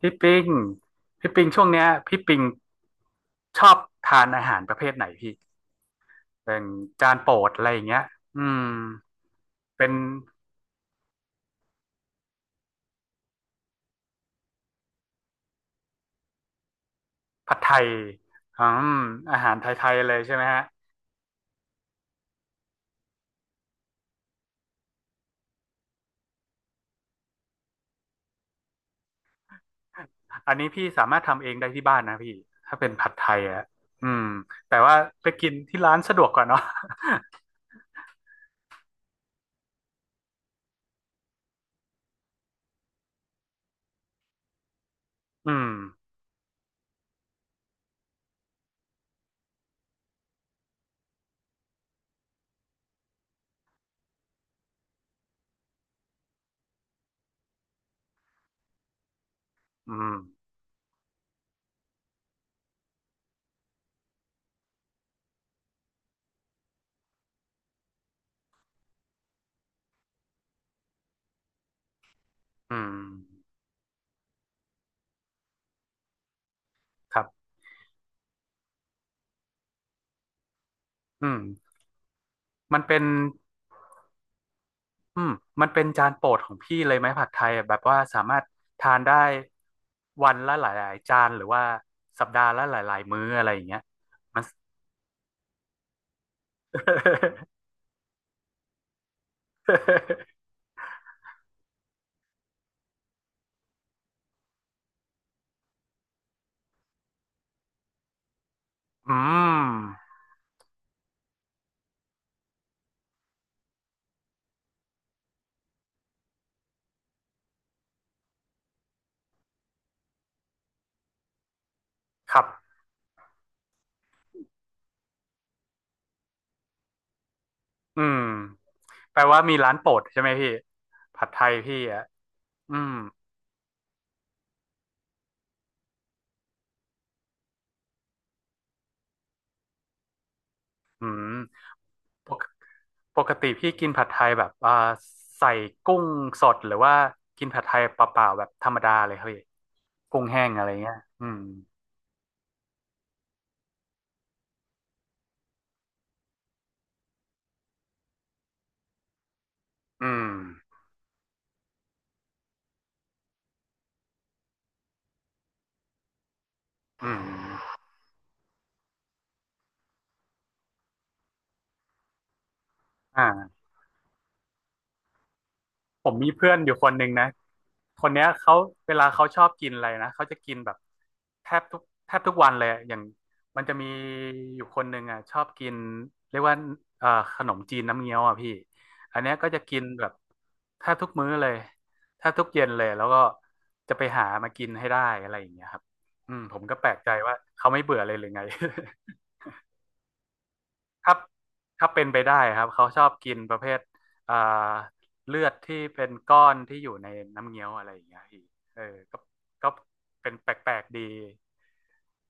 พี่ปิงพี่ปิงช่วงเนี้ยพี่ปิงชอบทานอาหารประเภทไหนพี่เป็นจานโปรดอะไรอย่างเงี้ยอืมเป็นผัดไทยอืมอาหารไทยๆเลยใช่ไหมฮะอันนี้พี่สามารถทำเองได้ที่บ้านนะพี่ถ้าเป็นผัดไทยอะอืมแต่ว่าไปกินที่ร้านสะดวกกว่าเนาะ อืมอืมอืมครับอืมมันเป็น อืมมันเป็นจานโปรดของพี่เลยไหมผัดไทยอะแบบว่าสามารถทานได้วันละหลายๆจานหรือว่าสัปดาห์ละหลายๆมื้ออะไรอย่างเงี้ยมัน อืมครับอืมแปลว่ามีร้านโปรดใช่ไหมพี่ผัดไทยพี่อ่ะอืมอืมปกปกติพี่กินผัดไทยแบบใส่กุ้งสดหรือว่ากินผัดไทยเปล่าๆแบบธรรมดาเลยครับพี่กุ้งแห้งอะไรเงี้ยอืมอืมอืมอ่า ผมมีเพื่อนอยู่คนหนึ่งนะคนเนี้ยเขาเวลาเขาชอบกินอะไรนะเขาจะกินแบบแทบทุกวันเลยอะอย่างมันจะมีอยู่คนหนึ่งอ่ะชอบกินเรียกว่าเอ่อขนมจีนน้ำเงี้ยวอ่ะพี่อันเนี้ยก็จะกินแบบแทบทุกมื้อเลยแทบทุกเย็นเลยแล้วก็จะไปหามากินให้ได้อะไรอย่างเงี้ยครับอืมผมก็แปลกใจว่าเขาไม่เบื่อเลยหรือไง ถ้าถ้าเป็นไปได้ครับเขาชอบกินประเภทอ่าเลือดที่เป็นก้อนที่อยู่ในน้ำเงี้ยวอะไรอย่างเงี้ยพี่เออก็ก็เป็นแปลกๆดี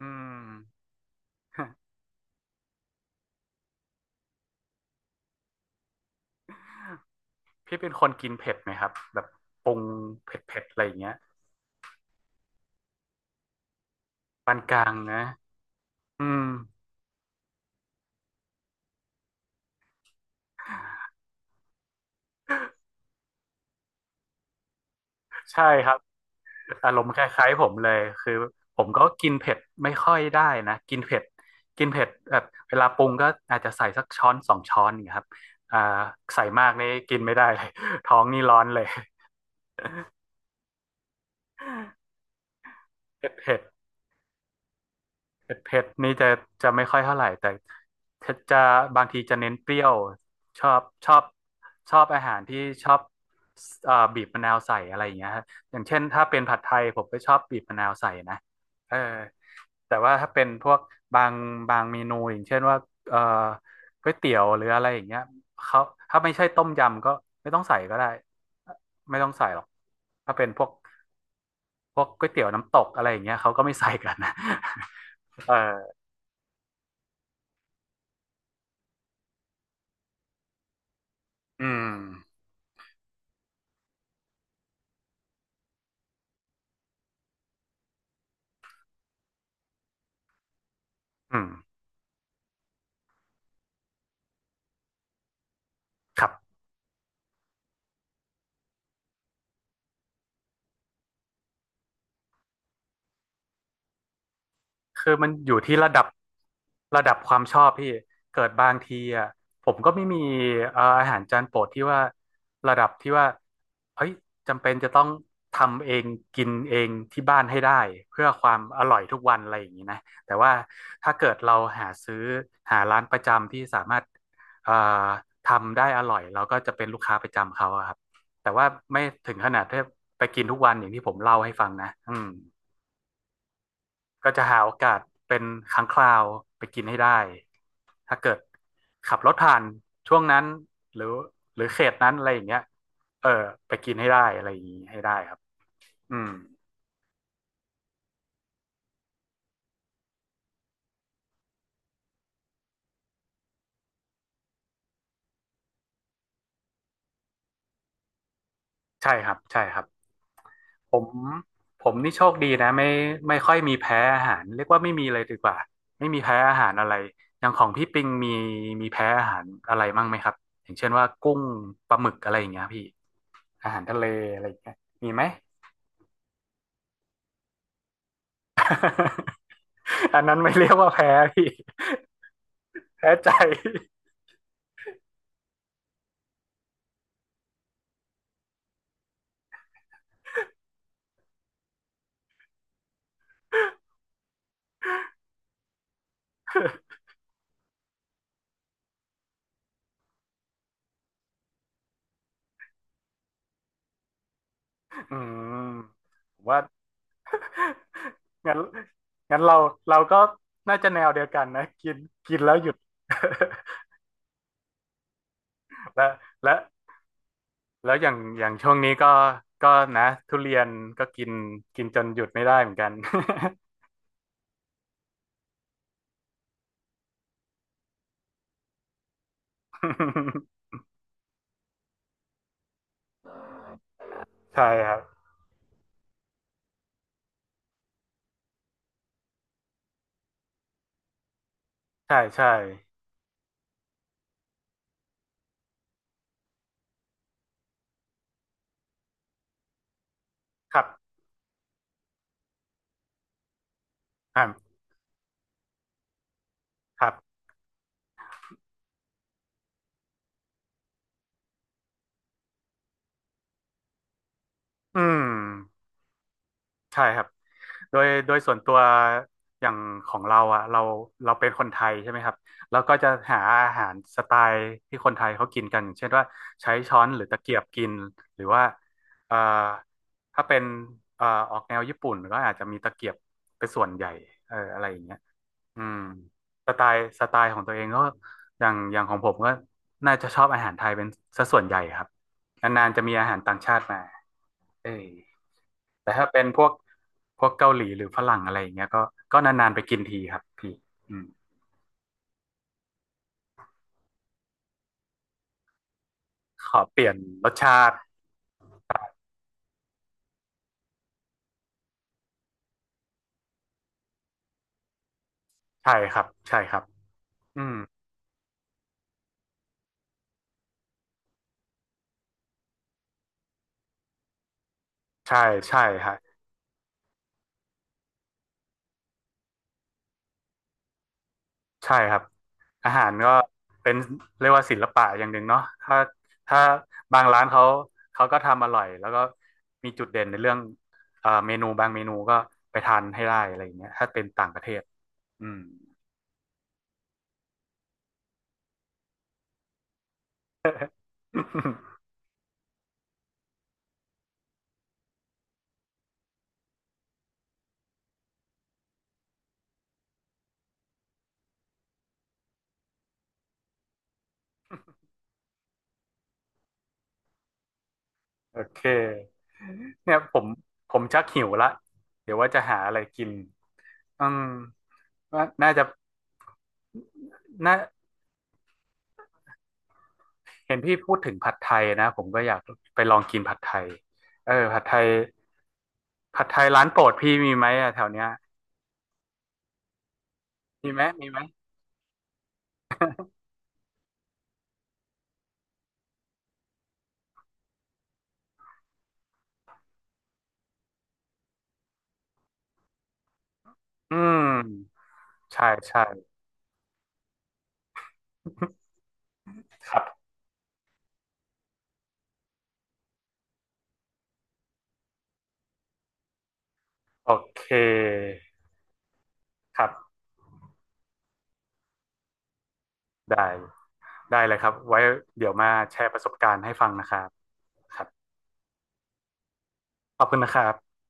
อืม พี่เป็นคนกินเผ็ดไหมครับแบบปรุงเผ็ดๆอะไรอย่างเงี้ยปานกลางนะอืมใช่ครับ อารมณ์คล้ายๆผมเลยคือผมก็กินเผ็ดไม่ค่อยได้นะกินเผ็ดแบบเวลาปรุงก็อาจจะใส่สักช้อนสองช้อนนี่างเงี้ยครับอ่าใส่มากนี่กินไม่ได้เลย ท้องนี่ร้อนเลยเผ็ดเผ็ดเผ็ดเผ็ดนี่จะไม่ค่อยเท่าไหร่แต่จะบางทีจะเน้นเปรี้ยวชอบชอบชอบอาหารที่ชอบบีบมะนาวใส่อะไรอย่างเงี้ยฮะอย่างเช่นถ้าเป็นผัดไทยผมก็ชอบบีบมะนาวใส่นะเออ แต่ว่าถ้าเป็นพวกบางบางเมนูอย่างเช่นว่าเอ่อก๋วยเตี๋ยวหรืออะไรอย่างเงี้ยเขาถ้าไม่ใช่ต้มยำก็ไม่ต้องใส่ก็ได้ไม่ต้องใส่หรอกถ้าเป็นพวกก๋วยเตี๋ยวน้ำตกอะไรอย่างเงี้ยเขาก็ไม่ใส่กันนะ เอออืมอืมครับ คือมันอยู่ที่ระดับระดับความชอบพี่เกิดบางทีอ่ะผมก็ไม่มีอาหารจานโปรดที่ว่าระดับที่ว่าเฮ้ยจำเป็นจะต้องทำเองกินเองที่บ้านให้ได้เพื่อความอร่อยทุกวันอะไรอย่างนี้นะแต่ว่าถ้าเกิดเราหาซื้อหาร้านประจำที่สามารถเอ่อทำได้อร่อยเราก็จะเป็นลูกค้าประจำเขาอะครับแต่ว่าไม่ถึงขนาดที่ไปกินทุกวันอย่างที่ผมเล่าให้ฟังนะอืม ก็จะหาโอกาสเป็นครั้งคราวไปกินให้ได้ถ้าเกิดขับรถผ่านช่วงนั้นหรือหรือเขตนั้นอะไรอย่างเงี้ยเออไปกินให้ได้อะไรอย่างงี้ให้ได้ครับอืมใช่ครับใช่ครับผมผมนี่โชคดีนะไม่ไม่ค่อยมีแพ้อาหารเรียกว่าไม่มีเลยดีกว่าไม่มีแพ้อาหารอะไรอย่างของพี่ปิงมีมีแพ้อาหารอะไรมั่งไหมครับอย่างเช่นว่ากุ้งปลาหมึกอะไรอย่างเงี้ยพี่อาหารทะเลอะไรอย่างเงี้ยมีไหม อันนั้นไม่เรียกว่าแพ้พี่ แพ้ใจ อืมผมว่างั้นงั้นเราก็น่าจะแนวเดียวกันนะกินกินแล้วหยุด และและแล้วอย่างช่วงนี้ก็นะทุเรียนก็กินกินจนหยุดไม่ได้เหมือนกัน ใช่ครับใช่ครับอ่าครับอืมใช่ครับ โดยส่วนตัวอย่างของเราอ่ะเราเป็นคนไทยใช่ไหมครับเราก็จะหาอาหารสไตล์ที่คนไทยเขากินกันอย่างเช่นว่าใช้ช้อนหรือตะเกียบกินหรือว่าเอ่อถ้าเป็นออกแนวญี่ปุ่นก็อาจจะมีตะเกียบเป็นส่วนใหญ่เอออะไรอย่างเงี้ยอืมสไตล์ของตัวเองก็อย่างของผมก็น่าจะชอบอาหารไทยเป็นซะส่วนใหญ่ครับนานๆจะมีอาหารต่างชาติมาเออ แต่ถ้าเป็นพวกเกาหลีหรือฝรั่งอะไรอย่างเงี้ยก็นานๆไปกินทีครับพี่อืมขอเปลี่ยนรสชาติใช่ครับใช่ครับอืมใช่ใช่ฮะใช่ครับอาหารก็เป็นเรียกว่าศิลปะอย่างหนึ่งเนาะถ้าบางร้านเขาเขาก็ทำอร่อยแล้วก็มีจุดเด่นในเรื่องเมนูบางเมนูก็ไปทานให้ได้อะไรอย่างเงี้ยถ้าเป็นต่างประเทศอืม โอเคเนี่ยผมชักหิวละเดี๋ยวว่าจะหาอะไรกิน อืมว่าน่าจะน่าเห็นพี่พูดถึงผัดไทยนะ ผมก็อยากไปลองกินผัดไทย เออผัดไทยผัดไทยร้านโปรดพี่มีไหมอะแถวเนี้ย มีไหมอืมใช่ใช่ ครับ โอเค ครับ ได้ ได้เลยครับ ไว้เดี๋ยวมาแชร์ประสบการณ์ให้ฟังนะครับครับขอบคุณนะครับ